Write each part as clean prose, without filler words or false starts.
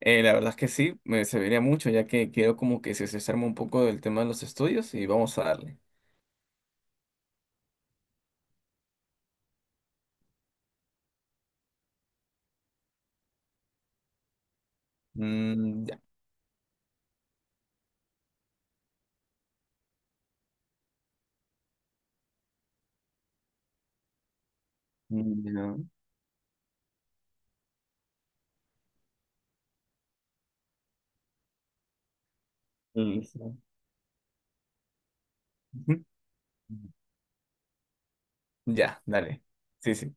La verdad es que sí, me serviría mucho, ya que quiero como que se desarme un poco del tema de los estudios y vamos a darle. Mm, ya. Mm, ya. Listo. Ujú. Ya, dale. Sí, sí.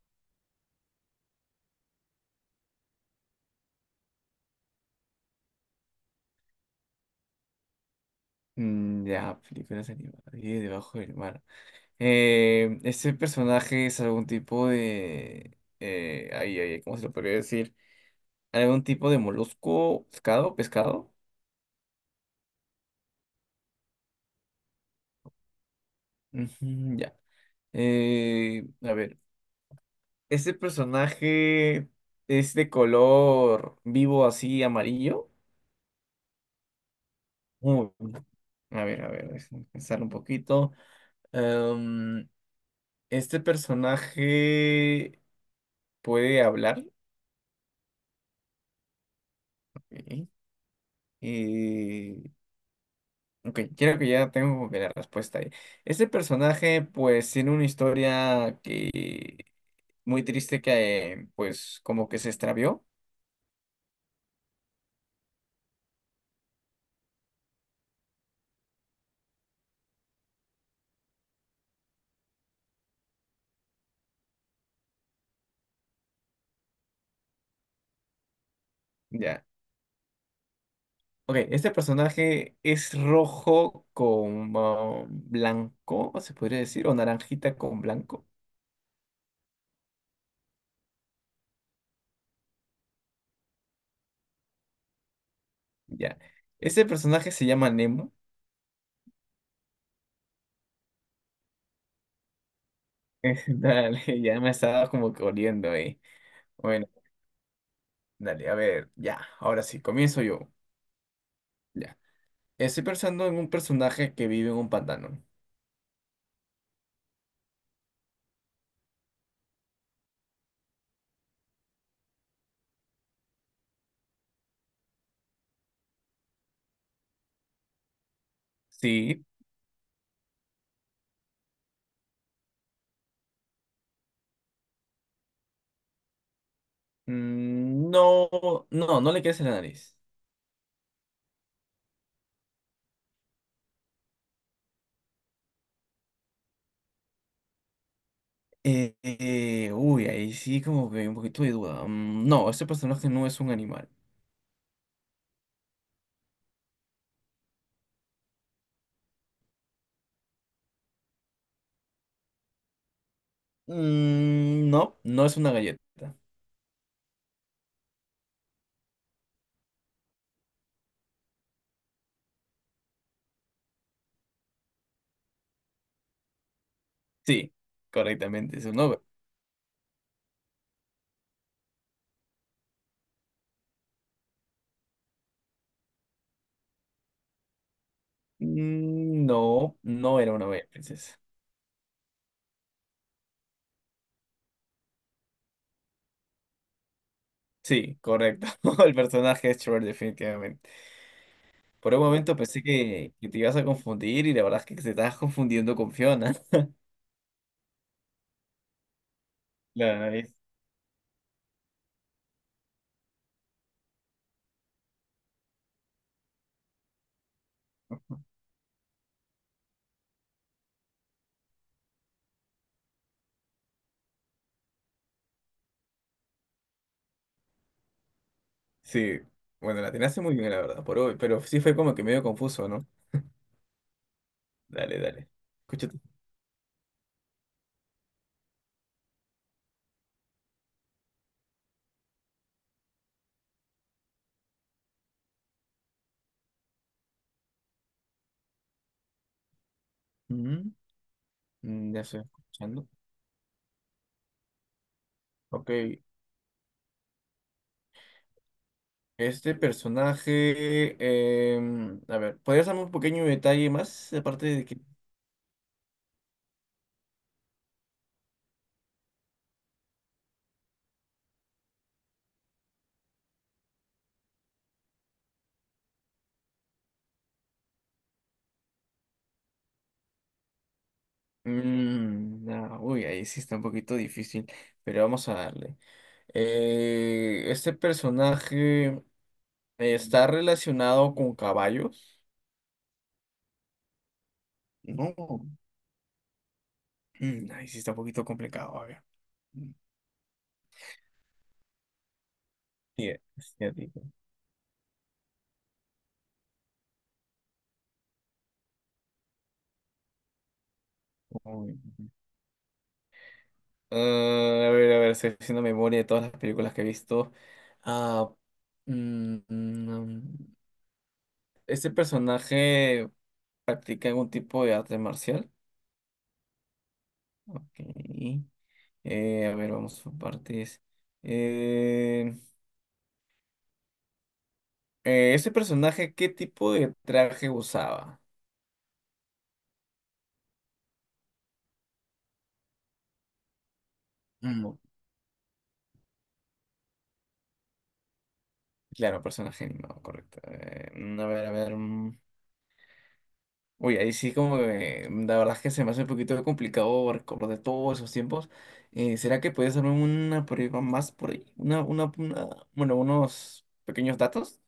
Mm, ya, películas animadas. Y debajo del mar. ¿Este personaje es algún tipo de... ay, ay, ay, ¿cómo se lo podría decir? ¿Algún tipo de molusco, pescado, Ujú, ya. A ver. Este personaje es de color vivo así amarillo. Uy, a ver, déjame pensar un poquito. Em, este personaje puede hablar. Ok. Eh, ok, creo que ya tengo como que la respuesta ahí. Este personaje pues tiene una historia que muy triste que pues como que se extravió. Ya. Ok, este personaje es rojo con ah, blanco, se podría decir, o naranjita con blanco. Ya. Este personaje se llama Nemo. Dale, ya me estaba como que oliendo ahí. Bueno, dale, a ver, ya, ahora sí, comienzo yo. Ya. Estoy pensando en un personaje que vive en un pantano. Sí. Mm, no, no, no le quieres la nariz. Uy, ahí sí como que un poquito de duda. Mm, no, este personaje no es un animal. Mm, no, no es una galleta. Sí, correctamente, es un ogro. Mm, no, no era una bella princesa. Sí, correcto. El personaje es Trevor, definitivamente. Por un momento pensé que te ibas a confundir y la verdad es que te estabas confundiendo con Fiona. La nariz. Sí, bueno, la tenías muy bien, la verdad, por hoy, pero sí fue como que medio confuso, ¿no? Dale, dale. Escúchate. Ujú, mm, ya estoy escuchando. Ok, este personaje, a ver, ¿podrías darme un pequeño detalle más? Aparte de que... Mm, no, uy, ahí sí está un poquito difícil, pero vamos a darle. ¿Este personaje está relacionado con caballos? No. Mm, ahí sí está un poquito complicado, a ver. Sí, asiático. Uy. Ah, a ver, estoy haciendo memoria de todas las películas que he visto. Ah, mm, este personaje practica algún tipo de arte marcial. Ok. A ver, vamos por partes. Eh, ¿Ese personaje qué tipo de traje usaba? Mm. Claro, personaje animado, correcto. Mm, a ver, a ver. Mm. Uy, ahí sí como que mm, la verdad es que se me hace un poquito complicado recordar todos esos tiempos. ¿Será que puedes darme una prueba más por ahí? Bueno, unos pequeños datos.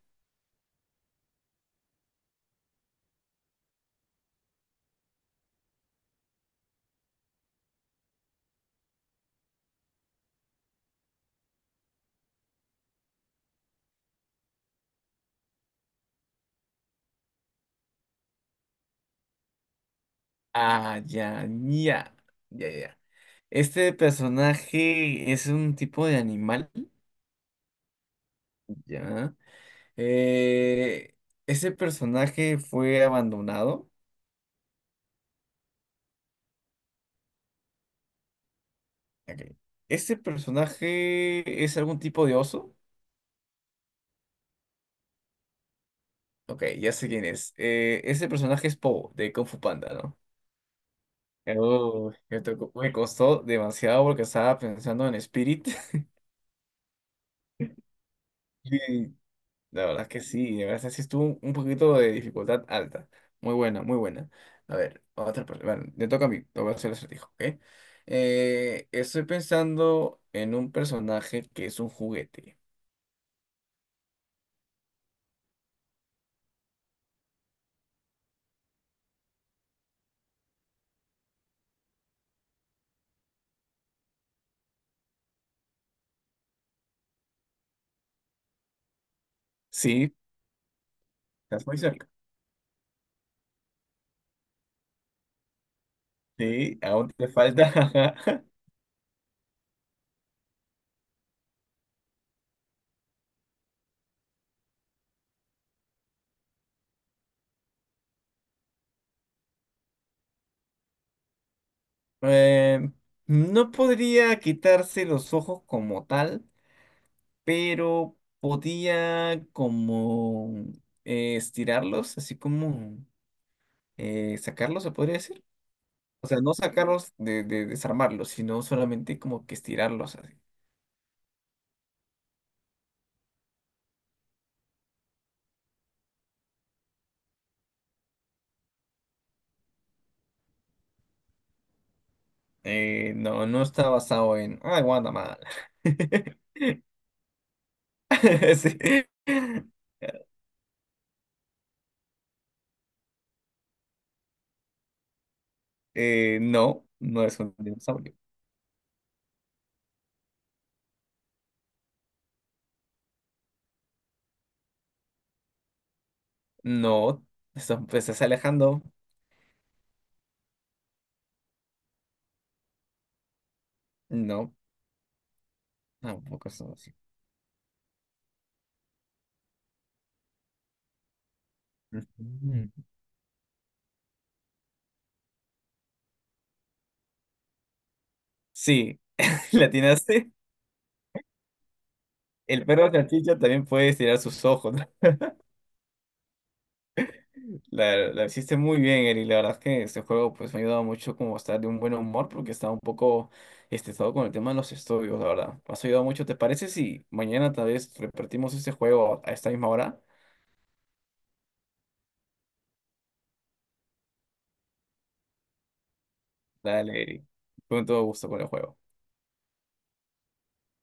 Ah, ya, ya, ya, ya. Este personaje es un tipo de animal, ya. Eh, ese personaje fue abandonado. Ok. Ese personaje es algún tipo de oso. Ok, ya sé quién es. Ese personaje es Po, de Kung Fu Panda, ¿no? Oh, me costó demasiado porque estaba pensando en Spirit. La verdad es que sí, de verdad sí estuvo un poquito de dificultad alta. Muy buena, muy buena. A ver, otra persona. Bueno, le toca a mí, te voy a hacer el acertijo, ¿ok? Estoy pensando en un personaje que es un juguete. Sí, estás muy cerca. Sí, aún te falta. Eh, no podría quitarse los ojos como tal, pero podía como estirarlos, así como sacarlos, se podría decir. O sea, no sacarlos de desarmarlos, sino solamente como que estirarlos así. No, no está basado en, ay, Guatemala. Sí. No, no es un dinosaurio. No, eso, pues es Alejandro. No, tampoco es así. Ujú. Sí, la atinaste. El perro cachicha también puede estirar sus ojos. La hiciste muy bien, Eri. La verdad es que este juego pues me ha ayudado mucho como a estar de un buen humor porque estaba un poco estresado con el tema de los estudios, la verdad. Me has ayudado mucho. ¿Te parece si mañana tal vez repartimos este juego a esta misma hora? Dale, Eri. Con todo gusto con el juego.